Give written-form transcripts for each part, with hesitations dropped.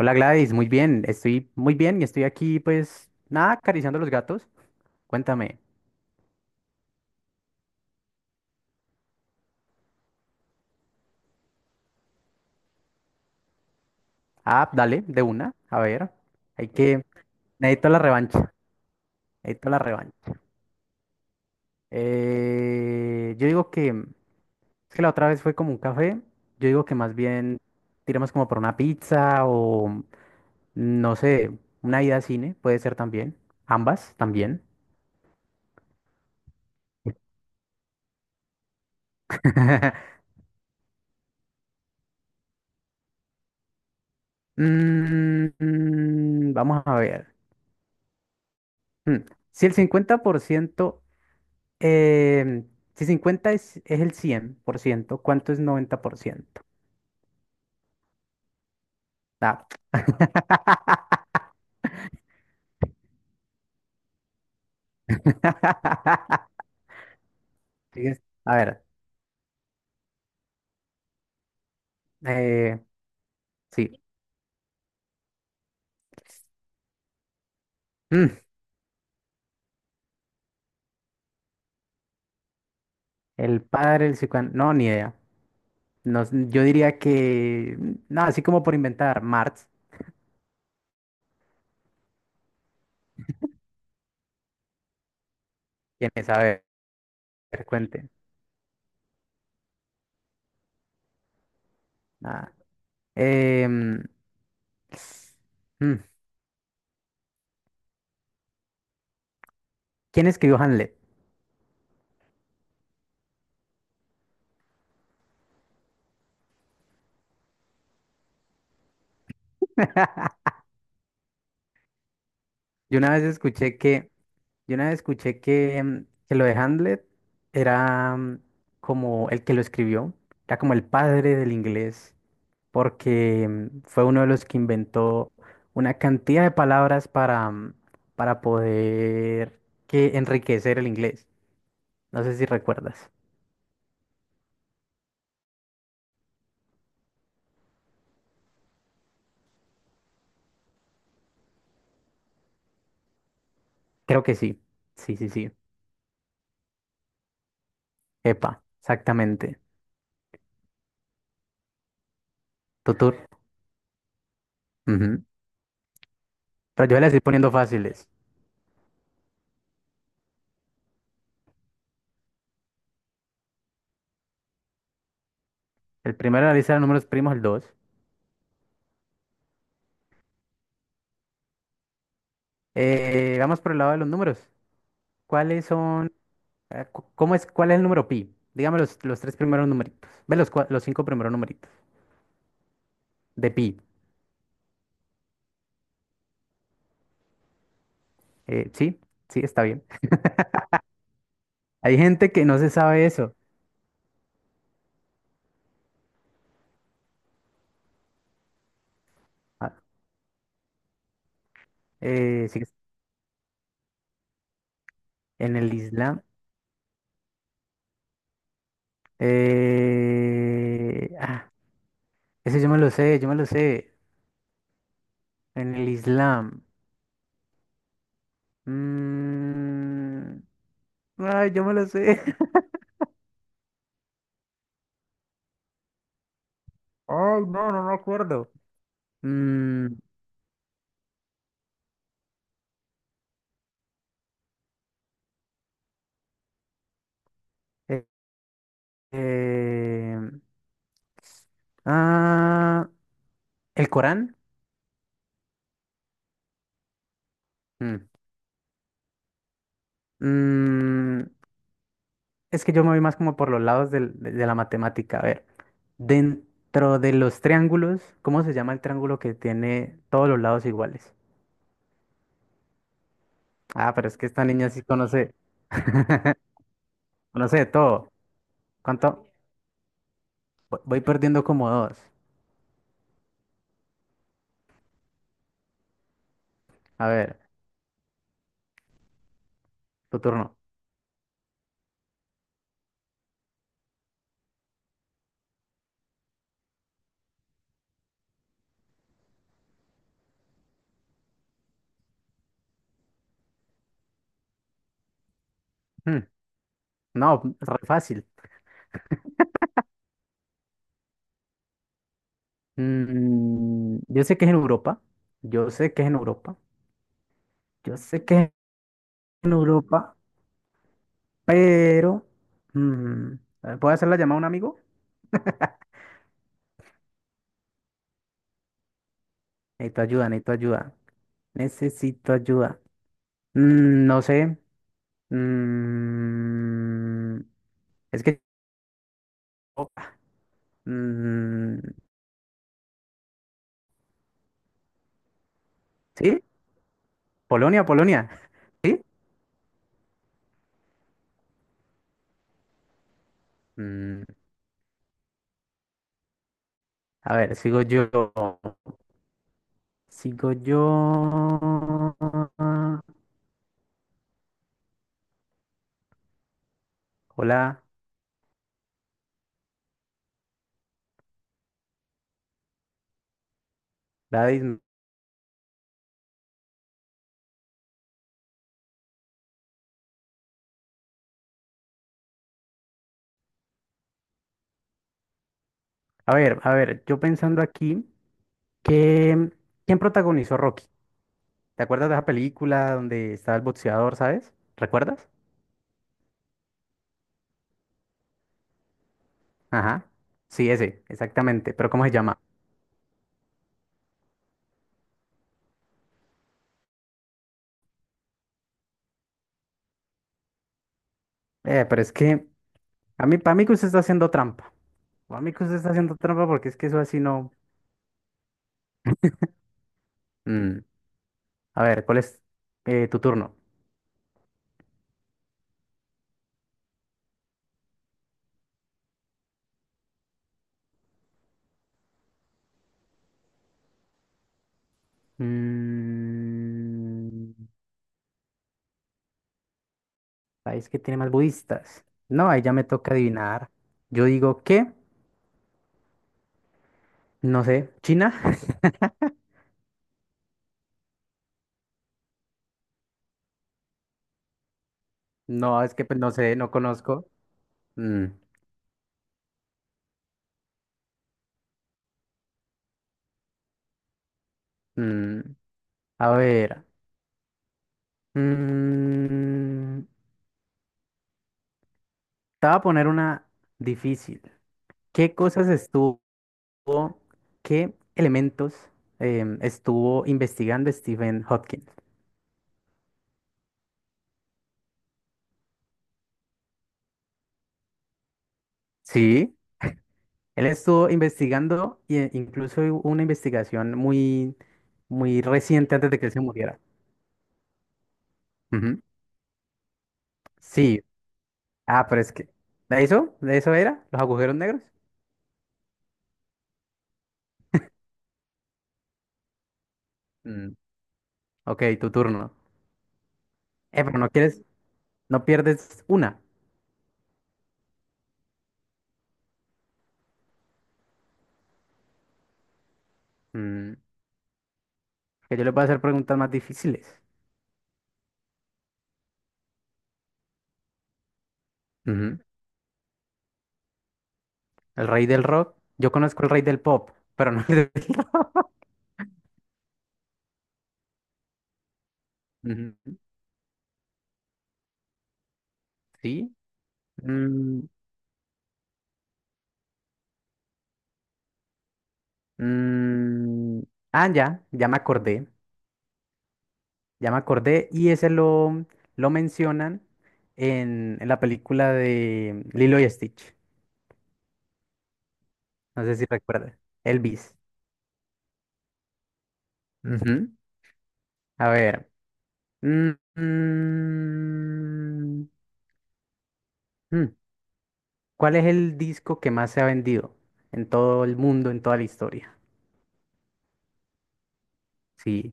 Hola Gladys, muy bien, estoy muy bien y estoy aquí pues nada, acariciando los gatos. Cuéntame. Ah, dale, de una, a ver. Hay que... Necesito la revancha, necesito la revancha. Yo digo que... Es que la otra vez fue como un café, yo digo que más bien tiramos como por una pizza o no sé, una ida a cine, puede ser también. Ambas también. Vamos a ver. Mm, Si el 50% Eh, si 50 es el 100%, ¿cuánto es 90%? Ah. Sigues. A ver, eh, sí. Mm, el padre del psicoanálisis. No, ni idea. No, yo diría que. No, así como por inventar. Marx. ¿Quién es? A ver, cuente. Nada. Em, mm, ¿Quién escribió Hamlet? Yo una vez escuché que yo una vez escuché que, que lo de Hamlet era como el que lo escribió, era como el padre del inglés, porque fue uno de los que inventó una cantidad de palabras para, para poder que enriquecer el inglés. No sé si recuerdas. Creo que sí. Sí, sí, sí. Epa, exactamente. Tutur, ujú. Pero yo le estoy poniendo fáciles. El primero de la lista de números primos, el 2. Vamos por el lado de los números. ¿Cuáles son? ¿Cómo es? ¿Cuál es el número pi? Dígame los tres primeros numeritos. Ve los cinco primeros numeritos de pi. Sí, sí, está bien. Hay gente que no se sabe eso. Ah, sí, en el Islam. eh, ah, Ese yo me lo sé, yo me lo sé. En el Islam. mm, Ay, yo me lo sé. Ay, no, no me acuerdo. Mm, eh, eh, ah, ¿El Corán? Mm. Mm, es que yo me voy más como por los lados de la matemática. A ver, dentro de los triángulos, ¿cómo se llama el triángulo que tiene todos los lados iguales? Ah, pero es que esta niña sí conoce, conoce de todo. ¿Cuánto? Voy perdiendo como dos. A ver, tu turno. Mm, no, re fácil. Mm, yo sé que es en Europa. Yo sé que es en Europa. Yo sé que es en Europa, pero... mm, ¿Puedo hacer la llamada a un amigo? Necesito ayuda, necesito ayuda. Necesito ayuda. Mm, no sé. Mm, es que... Mm, ¿sí? Polonia, Polonia. ¿Sí? Mm, a ver, sigo yo. Sigo yo. Hola, Gladys. A ver, yo pensando aquí que... ¿Quién protagonizó Rocky? ¿Te acuerdas de esa película donde estaba el boxeador, sabes? ¿Recuerdas? Ajá. Sí, ese, exactamente. Pero ¿cómo se llama? Pero es que a mí, para mí que usted está haciendo trampa. Para mí que usted está haciendo trampa porque es que eso así no. Mm, A ver, ¿cuál es tu turno? Mm, país que tiene más budistas. No, ahí ya me toca adivinar. Yo digo que, no sé, China. No, es que pues, no sé, no conozco. Mm, mm, A ver. mm, Te voy a poner una difícil. ¿Qué cosas estuvo? Qué elementos estuvo investigando Stephen Hopkins. Sí, él estuvo investigando e incluso hubo una investigación muy, muy reciente antes de que él se muriera. Ujú. Sí, ah, pero es que ¿de eso? ¿De eso era? ¿Los agujeros negros? Mm, ok, tu turno. Pero no quieres, no pierdes una. Mm, que yo le voy a hacer preguntas más difíciles. Ujú. El rey del rock. Yo conozco el rey del pop, pero no el del rock. Ujú. Sí, Mm, mm, ah, ya, ya me acordé y ese lo mencionan en la película de Lilo y Stitch, no sé si recuerdas, Elvis. Ujú. A ver, mm, mm, mm, ¿cuál es el disco que más se ha vendido en todo el mundo, en toda la historia? Sí,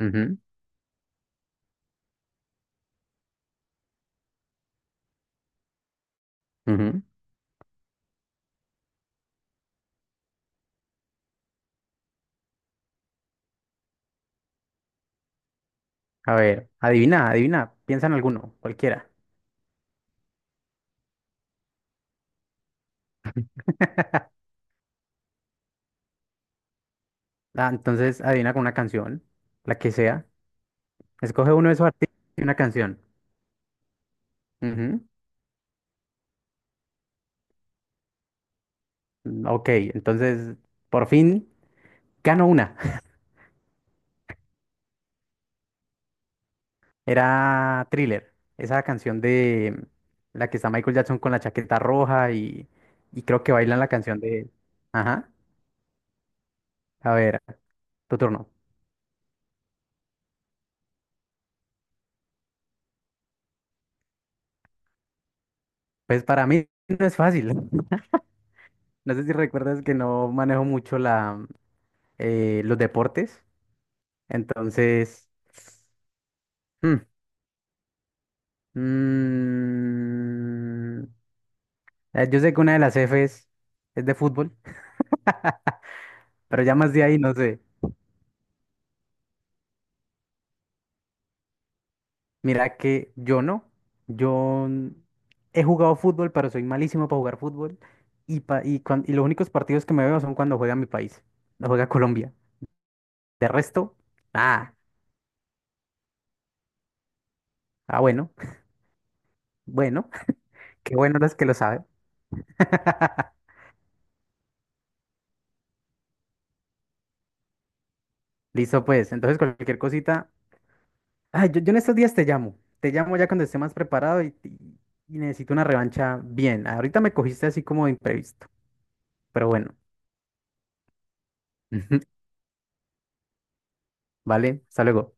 ujú, ujú. A ver, adivina, adivina, piensa en alguno, cualquiera. Ah, entonces adivina con una canción, la que sea. Escoge uno de esos artistas y una canción. Ujú. Mm, ok, entonces por fin gano una. Era Thriller, esa canción de la que está Michael Jackson con la chaqueta roja y creo que bailan la canción de... Ajá, a ver, tu turno. Pues para mí no es fácil. No sé si recuerdas que no manejo mucho la, los deportes. Entonces... mm, Mm, eh, yo sé que una de las F es de fútbol, pero ya más de ahí no sé. Mira que yo no. Yo n- He jugado fútbol, pero soy malísimo para jugar fútbol. Y los únicos partidos que me veo son cuando juega mi país, no juega Colombia. De resto, ah, bueno, bueno, qué bueno los que lo saben. Listo, pues. Entonces, cualquier cosita. Ay, yo en estos días te llamo. Te llamo ya cuando esté más preparado y necesito una revancha bien. Ahorita me cogiste así como de imprevisto, pero bueno. ¿Vale? Hasta luego.